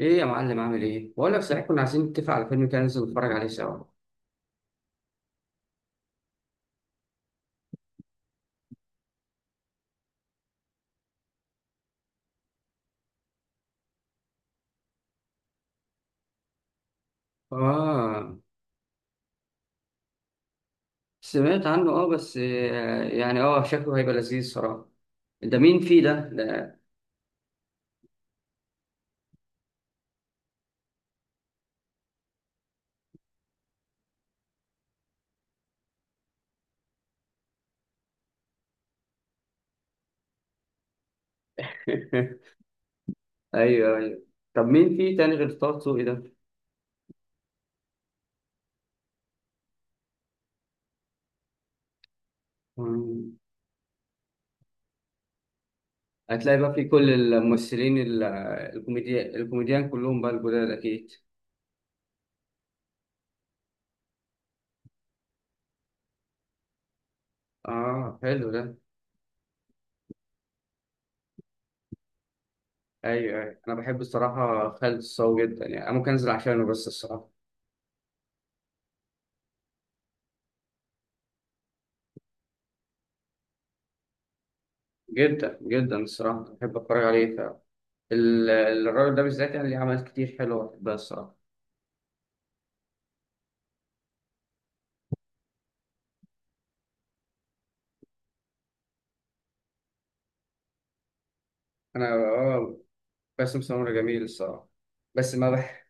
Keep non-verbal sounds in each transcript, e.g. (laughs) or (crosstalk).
ايه يا معلم، عامل ايه؟ بقول لك، صحيح كنا عايزين نتفق على فيلم كده، ننزل نتفرج عليه سوا. اه، سمعت عنه. اه بس، يعني شكله هيبقى لذيذ الصراحة. ده مين فيه ده؟ (laughs) ايوه، ايوه. طب مين فيه تاني غير طه دسوقي ده؟ مم. هتلاقي بقى فيه كل الممثلين الكوميديان كلهم بقى الجداد اكيد. اه، حلو ده. ايوه، ايوه، انا بحب الصراحة خالد الصاوي جدا، يعني انا ممكن انزل عشانه بس الصراحة. جدا جدا الصراحة بحب اتفرج عليه. ال- الراجل ده بالذات، يعني ليه عمل كتير حلو بحبها الصراحة. أنا، باسم سمرة جميل الصراحة. بس ما بح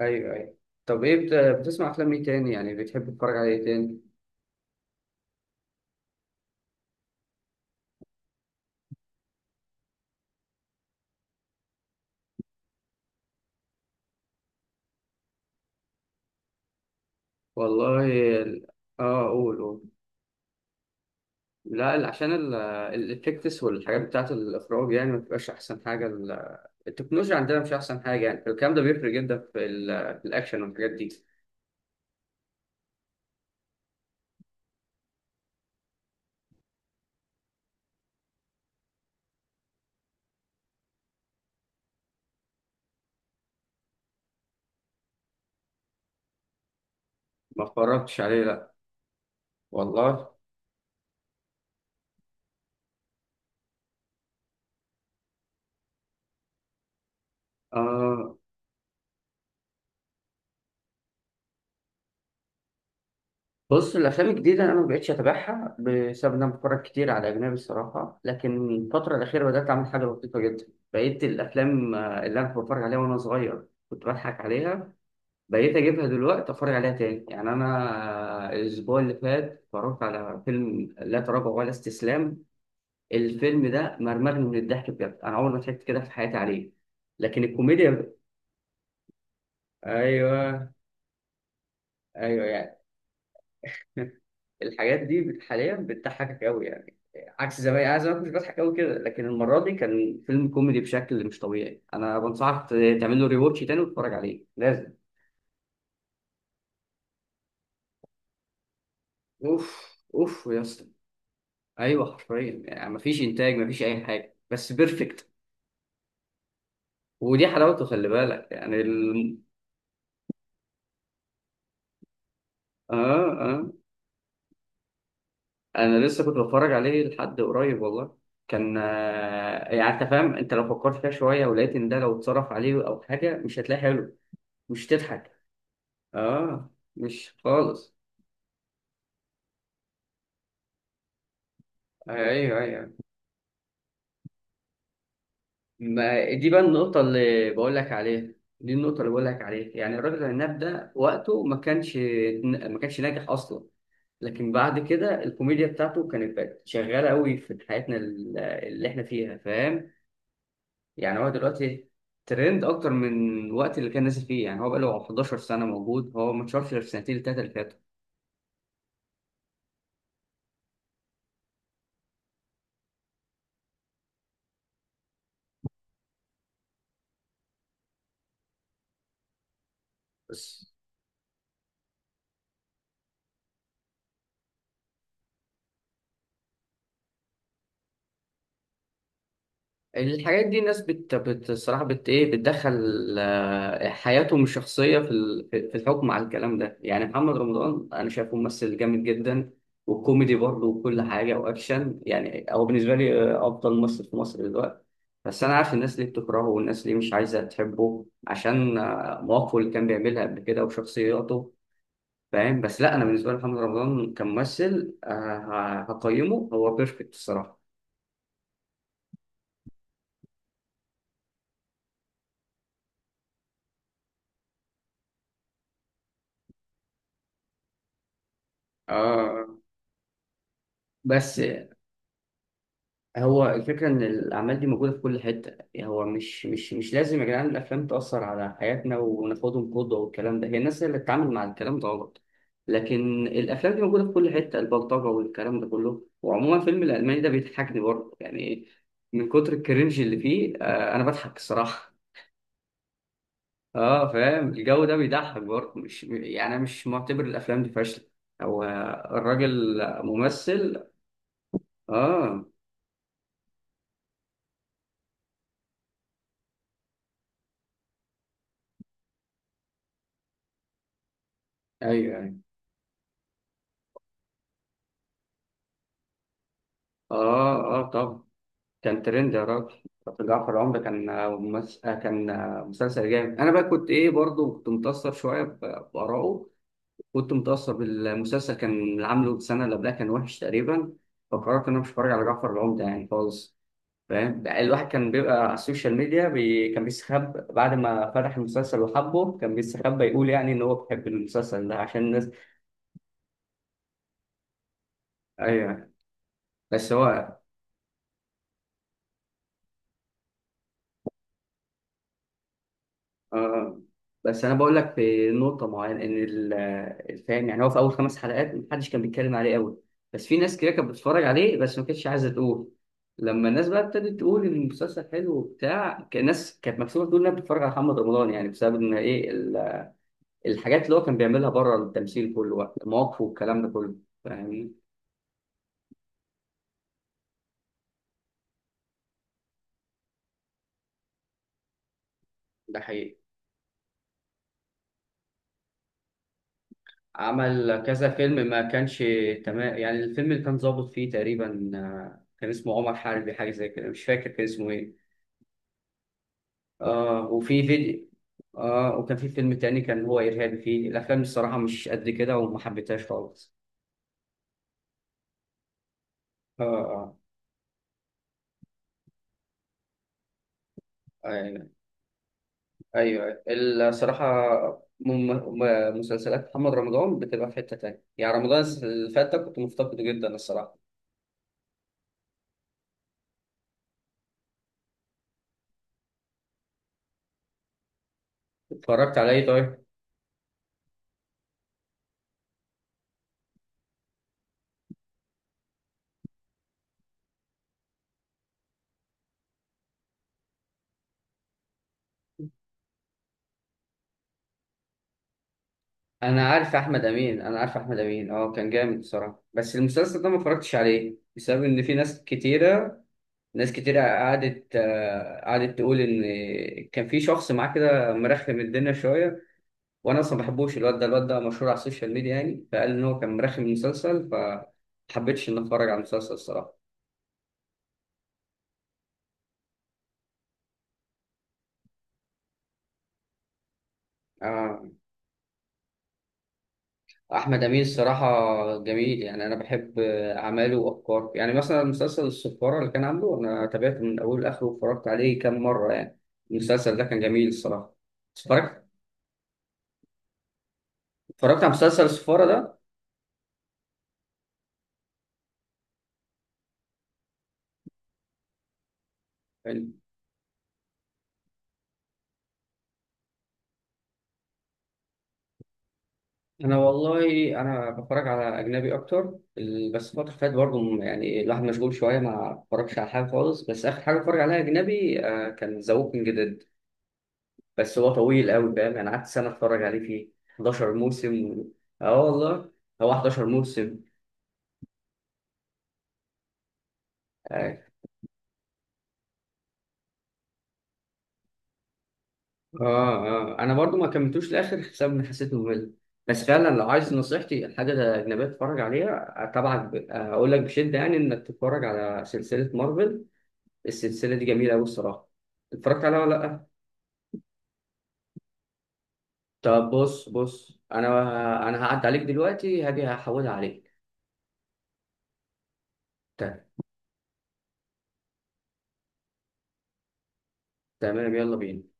أيوه، أيوه. طب، بتسمع أفلام إيه تاني؟ يعني بتحب تتفرج على إيه تاني؟ والله، ال... آه قول، قول. لا، عشان الإفكتس والحاجات بتاعة الإخراج، يعني ما بتبقاش أحسن حاجة. التكنولوجيا عندنا مش أحسن حاجة، يعني الكلام ده بيفرق جدا في الأكشن والحاجات دي. ما اتفرجتش عليه، لا، والله. آه. بص، الافلام الجديده انا ما بقتش اتابعها بسبب ان انا بتفرج كتير على اجنبي الصراحه. لكن الفتره الاخيره بدات اعمل حاجه لطيفه جدا. بقيت الافلام، اللي انا كنت بتفرج عليها وانا صغير كنت بضحك عليها، بقيت اجيبها دلوقتي اتفرج عليها تاني. يعني انا، الاسبوع اللي فات اتفرجت على فيلم لا تراجع ولا استسلام. الفيلم ده مرمرني من الضحك، بجد انا عمري ما ضحكت كده في حياتي عليه. لكن الكوميديا... ايوه، ايوه. يعني الحاجات دي حاليا بتضحكك قوي، يعني عكس زمان، انا زمان كنت بضحك قوي كده، لكن المره دي كان فيلم كوميدي بشكل مش طبيعي. انا بنصحك تعمل له ريواتش تاني وتتفرج عليه لازم. اوف، اوف يا اسطى. ايوه، حرفيا يعني مفيش انتاج، مفيش اي حاجه، بس بيرفكت. ودي حلاوته، خلي بالك يعني اه، اه. انا لسه كنت بتفرج عليه لحد قريب والله. كان، يعني انت فاهم، انت لو فكرت فيها شويه ولقيت ان ده لو اتصرف عليه او حاجه مش هتلاقيه حلو. مش تضحك. اه، مش خالص. ايوه، ايوه. ما دي بقى النقطة اللي بقول لك عليها. دي النقطة اللي بقول لك عليها، يعني الراجل العناب ده وقته ما كانش ناجح أصلا. لكن بعد كده الكوميديا بتاعته كانت بقت شغالة قوي في حياتنا اللي احنا فيها، فاهم. يعني هو دلوقتي ترند أكتر من الوقت اللي كان نازل فيه، يعني هو بقى له 11 سنة موجود، هو ما اتشهرش غير في السنتين التلاتة اللي فاتوا. بس الحاجات دي الناس الصراحة إيه، بتدخل حياتهم الشخصية في ال- في في الحكم على الكلام ده. يعني محمد رمضان، أنا شايفه ممثل جامد جدا، وكوميدي برضه، وكل حاجة وأكشن. يعني هو بالنسبة لي، أفضل ممثل في مصر دلوقتي. بس أنا عارف الناس ليه بتكرهه والناس ليه مش عايزة تحبه، عشان، مواقفه اللي كان بيعملها قبل كده وشخصياته، فاهم. بس لا، أنا بالنسبة لي محمد رمضان كممثل، هقيمه هو بيرفكت الصراحة. آه، بس، هو الفكرة إن الأعمال دي موجودة في كل حتة، يعني هو مش لازم يا جدعان الأفلام تأثر على حياتنا وناخدهم قدوة والكلام ده. هي الناس هي اللي بتتعامل مع الكلام ده غلط. لكن الأفلام دي موجودة في كل حتة، البلطجة والكلام ده كله. وعموما فيلم الألماني ده بيضحكني برضه، يعني من كتر الكرنج اللي فيه، أنا بضحك الصراحة. (laughs) فاهم، الجو ده بيضحك برضه، مش يعني أنا مش معتبر الأفلام دي فاشلة. هو الراجل ممثل. أه. أيوه، أيوه. أه، أه، طبعا. كان ترند يا راجل. كابتن جعفر العمدة، كان آه، ممس... آه، كان آه، مسلسل جامد. أنا بقى كنت إيه برضه كنت متأثر شوية بآرائه، كنت متأثر بالمسلسل. كان اللي عامله السنة اللي قبلها كان وحش تقريبا، فقررت إن أنا مش هتفرج على جعفر العمدة يعني خالص. فاهم بقى، الواحد كان بيبقى على السوشيال ميديا، كان بيستخبى، بعد ما فتح المسلسل وحبه كان بيستخبى يقول يعني إن هو بيحب المسلسل ده عشان الناس. أيوه. بس هو آه بس انا بقول لك في نقطه معينه ان الفهم. يعني هو في اول خمس حلقات محدش كان بيتكلم عليه قوي، بس في ناس كده كانت بتتفرج عليه بس ما كانتش عايزه تقول. لما الناس بقى ابتدت تقول ان المسلسل حلو وبتاع، كان الناس كانت مكسوفه تقول انها بتتفرج على محمد رمضان، يعني بسبب ان ايه، الحاجات اللي هو كان بيعملها بره التمثيل كله، بقى مواقفه والكلام ده كله. فاهمني. ده حقيقي. عمل كذا فيلم ما كانش تمام، يعني الفيلم اللي كان ظابط فيه تقريبا، كان اسمه عمر حربي، حاجه زي كده، مش فاكر كان اسمه ايه. اه وفي فيديو. اه وكان في فيلم تاني كان هو إرهابي فيه. الأفلام الصراحة مش قد كده وما حبيتهاش خالص. اه، اه. ايوه، ايوه، أيوة. الصراحة. مم- مسلسلات محمد رمضان بتبقى في حتة تانية، يعني رمضان اللي فات ده كنت مفتقده جدا الصراحة. اتفرجت على ايه طيب؟ أنا عارف أحمد أمين، أنا عارف أحمد أمين، كان جامد الصراحة، بس المسلسل ده ما اتفرجتش عليه بسبب إن في ناس كتيرة، ناس كتير قعدت تقول ان كان في شخص معاه كده مرخم الدنيا شويه. وانا اصلا ما بحبوش الواد ده، الواد ده مشهور على السوشيال ميديا، يعني فقال ان هو كان مرخم المسلسل فما حبيتش ان اتفرج على المسلسل الصراحه. آه، احمد امين الصراحه جميل، يعني انا بحب، اعماله وافكاره. يعني مثلا مسلسل الصفاره اللي كان عامله، انا تابعته من اوله لاخره واتفرجت عليه كام مره. يعني المسلسل ده كان جميل الصراحه. اتفرجت اتفرجت على مسلسل الصفاره ده. انا والله انا بتفرج على اجنبي اكتر. بس الفتره اللي فاتت برضه يعني الواحد مشغول شويه ما بتفرجش على حاجه خالص، بس اخر حاجه اتفرج عليها اجنبي، كان ذا ووكينج ديد. بس هو طويل قوي فاهم، انا قعدت سنه اتفرج عليه فيه 11 موسم. اه، والله هو 11 موسم. اه، اه، آه. انا برضه ما كملتوش لاخر بسبب ان حسيت ممل. بس فعلا، لو عايز نصيحتي حاجه اجنبيه تتفرج عليها، آه، طبعا ب- آه، هقول لك بشده يعني انك تتفرج على سلسله مارفل. السلسلة دي جميلة أوي الصراحة. اتفرجت عليها ولا لأ؟ طب بص، بص. أنا هعدي عليك دلوقتي، هاجي هحولها عليك. ت- تمام، يلا بينا.